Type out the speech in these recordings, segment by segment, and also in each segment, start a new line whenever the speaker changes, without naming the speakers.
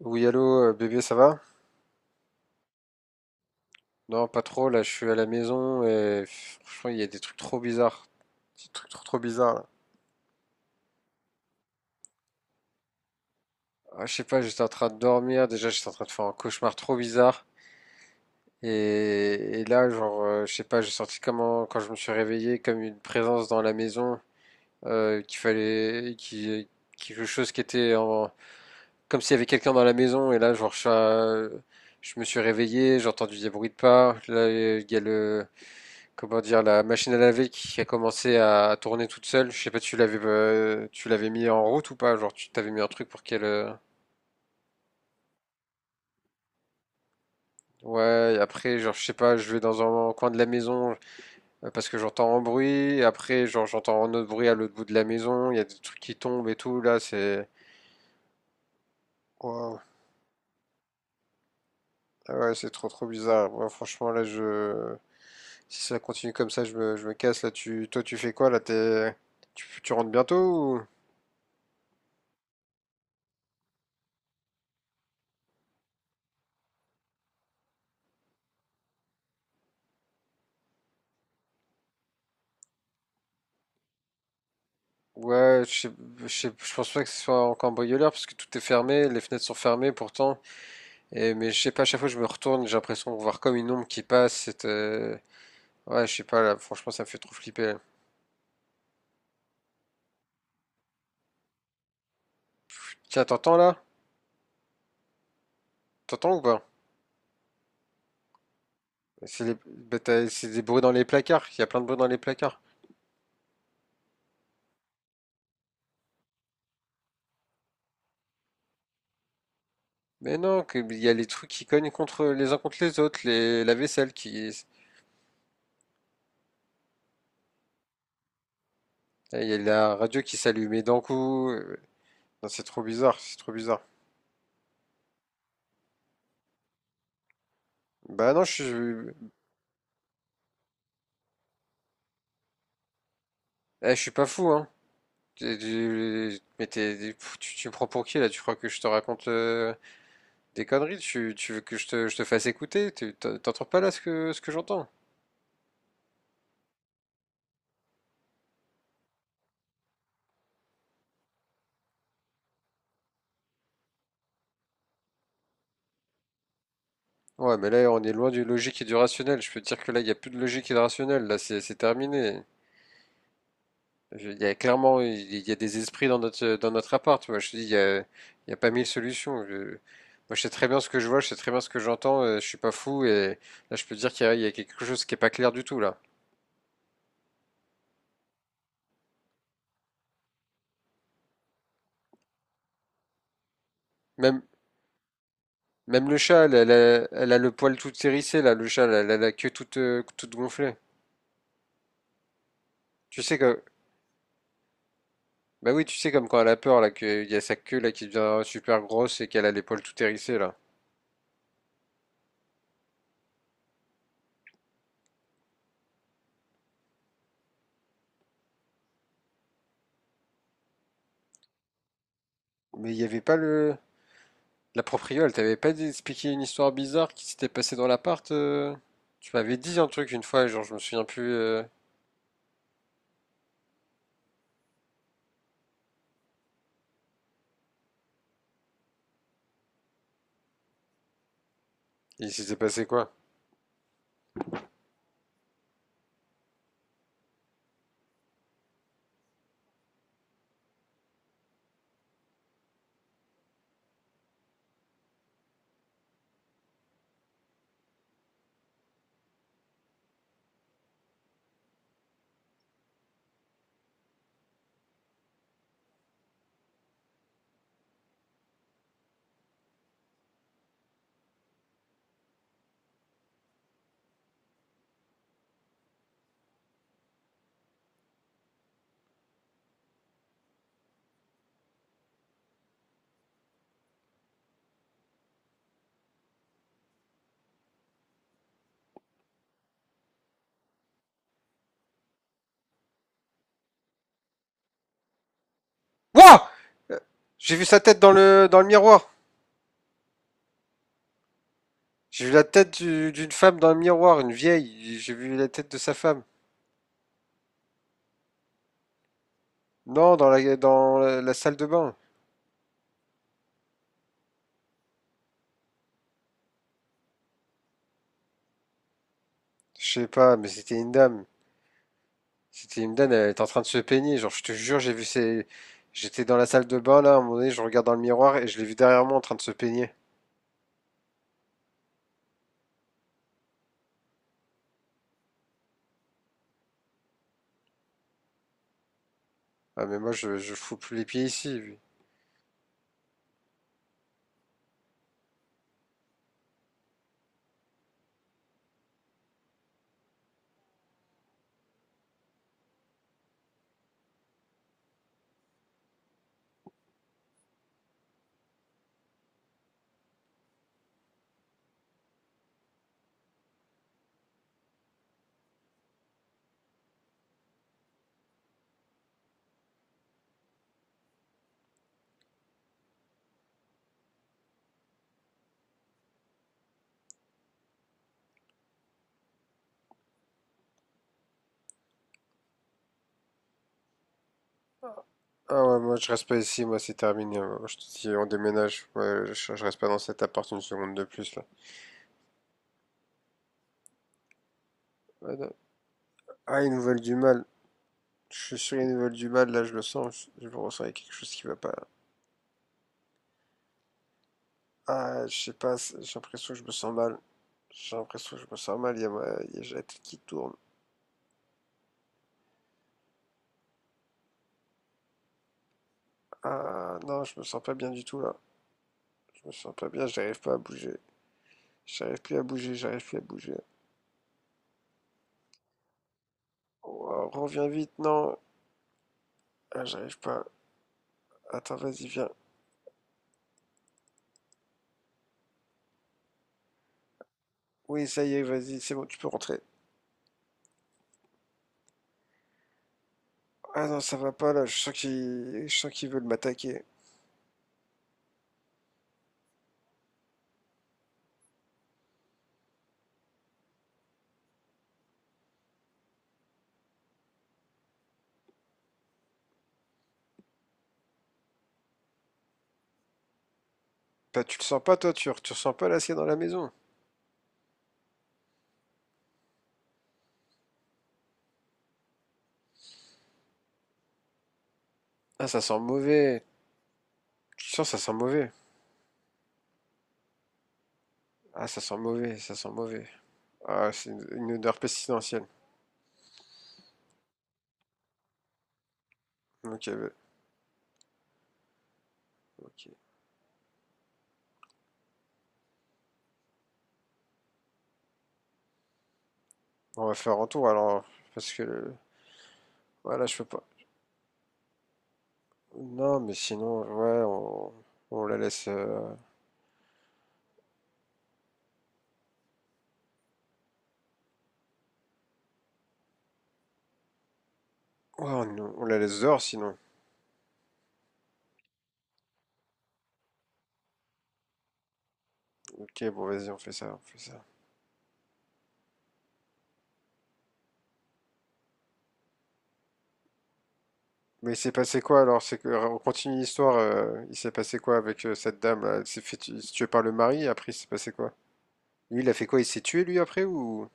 Oui, allô, bébé, ça va? Non, pas trop, là, je suis à la maison et pff, franchement, il y a des trucs trop bizarres. Des trucs trop trop bizarres, là. Ah, je sais pas, j'étais en train de dormir, déjà, j'étais en train de faire un cauchemar trop bizarre. Et là, genre, je sais pas, j'ai senti comment, quand je me suis réveillé, comme une présence dans la maison, euh, qu'il fallait, qui, quelque chose qui était en, comme s'il y avait quelqu'un dans la maison. Et là, genre, je me suis réveillé, j'ai entendu des bruits de pas. Là, il y a le, comment dire, la machine à laver qui a commencé à tourner toute seule. Je sais pas, tu l'avais mis en route ou pas? Genre, tu t'avais mis un truc pour qu'elle. Ouais, et après, genre, je sais pas, je vais dans un coin de la maison parce que j'entends un bruit. Et après, genre, j'entends un autre bruit à l'autre bout de la maison. Il y a des trucs qui tombent et tout. Là, c'est. Waouh. Ah ouais, c'est trop trop bizarre. Moi, franchement, là, je. Si ça continue comme ça, je me casse. Là, toi, tu fais quoi? Là, t'es. Tu rentres bientôt ou... Ouais, je pense pas que ce soit un cambrioleur parce que tout est fermé, les fenêtres sont fermées pourtant. Et, mais je sais pas, à chaque fois que je me retourne, j'ai l'impression de voir comme une ombre qui passe. Ouais, je sais pas, là, franchement, ça me fait trop flipper. Tiens, t'entends là? T'entends ou pas? Bah, c'est des bruits dans les placards, il y a plein de bruits dans les placards. Mais non, il y a les trucs qui cognent contre les uns contre les autres, les, la vaisselle qui. Il y a la radio qui s'allumait d'un coup. Non, c'est trop bizarre, c'est trop bizarre. Bah non, je suis, je suis pas fou, hein. Mais pff, tu me prends pour qui là? Tu crois que je te raconte des conneries? Tu veux que je te fasse écouter? T'entends pas là ce ce que j'entends? Ouais, mais là on est loin du logique et du rationnel. Je peux te dire que là il n'y a plus de logique et de rationnel. Là c'est terminé. Il y a clairement il y a des esprits dans notre appart. Moi je te dis il y a pas mille solutions. Moi je sais très bien ce que je vois, je sais très bien ce que j'entends. Je suis pas fou et là je peux te dire il y a quelque chose qui est pas clair du tout là. Même Même le chat, elle, elle a le poil tout hérissé, là, le chat, elle, a la queue toute, toute gonflée. Tu sais que, bah oui, tu sais comme quand elle a peur, là, qu'il y a sa queue, là, qui devient super grosse et qu'elle a les poils tout hérissés, là. Mais il y avait pas le... La proprio, elle t'avait pas expliqué une histoire bizarre qui s'était passée dans l'appart Tu m'avais dit un truc une fois, genre, je me souviens plus, il s'était passé quoi? Wouah! Euh, J'ai vu sa tête dans le miroir! J'ai vu la tête d'une femme dans le miroir, une vieille, j'ai vu la tête de sa femme. Non, dans la, la salle de bain. Je sais pas, mais c'était une dame. C'était une dame, elle était en train de se peigner. Genre, je te jure, j'ai vu ses... J'étais dans la salle de bain, là, à un moment donné, je regarde dans le miroir et je l'ai vu derrière moi en train de se peigner. Ah, mais moi, je fous plus les pieds ici. Lui. Ah ouais, moi, je reste pas ici, moi, c'est terminé. Moi, je te dis, on déménage. Ouais, je reste pas dans cet appart une seconde de plus, là. Ouais, non. Ah, ils nous veulent du mal. Je suis sûr qu'ils nous veulent du mal, là, je le sens. Je le ressens, il y a quelque chose qui va pas. Ah, je sais pas, j'ai l'impression que je me sens mal. J'ai l'impression que je me sens mal, il y a j'ai la tête qui tourne. Ah non, je me sens pas bien du tout là. Je me sens pas bien, j'arrive pas à bouger. J'arrive plus à bouger. Oh, reviens vite, non. Ah, j'arrive pas. Attends, vas-y, viens. Oui, ça y est, vas-y, c'est bon, tu peux rentrer. Ah non, ça va pas là, je sens qu'ils veulent m'attaquer. Bah tu le sens pas toi, tu ressens pas l'acier dans la maison. Ah ça sent mauvais. Tu sens ça sent mauvais. Ah ça sent mauvais, ça sent mauvais. Ah c'est une odeur pestilentielle. OK, ouais, OK. On va faire un tour alors, parce que le... ouais, là, je peux pas. Non, mais sinon, ouais, on la laisse, ouais, on la laisse dehors sinon. OK, bon, vas-y, on fait ça, on fait ça. Mais il s'est passé quoi alors? C'est que on continue l'histoire. Il s'est passé quoi avec cette dame là? Elle s'est fait tuer par le mari. Après, il s'est passé quoi? Lui, il a fait quoi? Il s'est tué lui après ou?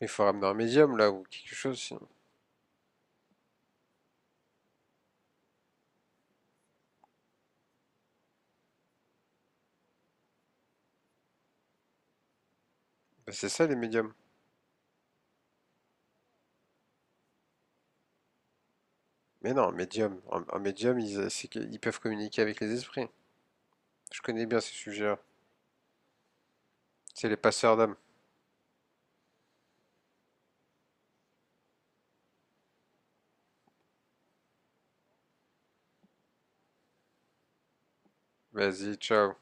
Il faut ramener un médium là ou quelque chose sinon. Bah, c'est ça les médiums. Mais non, un médium, un médium, c'est qu'ils peuvent communiquer avec les esprits. Je connais bien ces sujets-là. C'est les passeurs d'âme. Vas-y, ciao.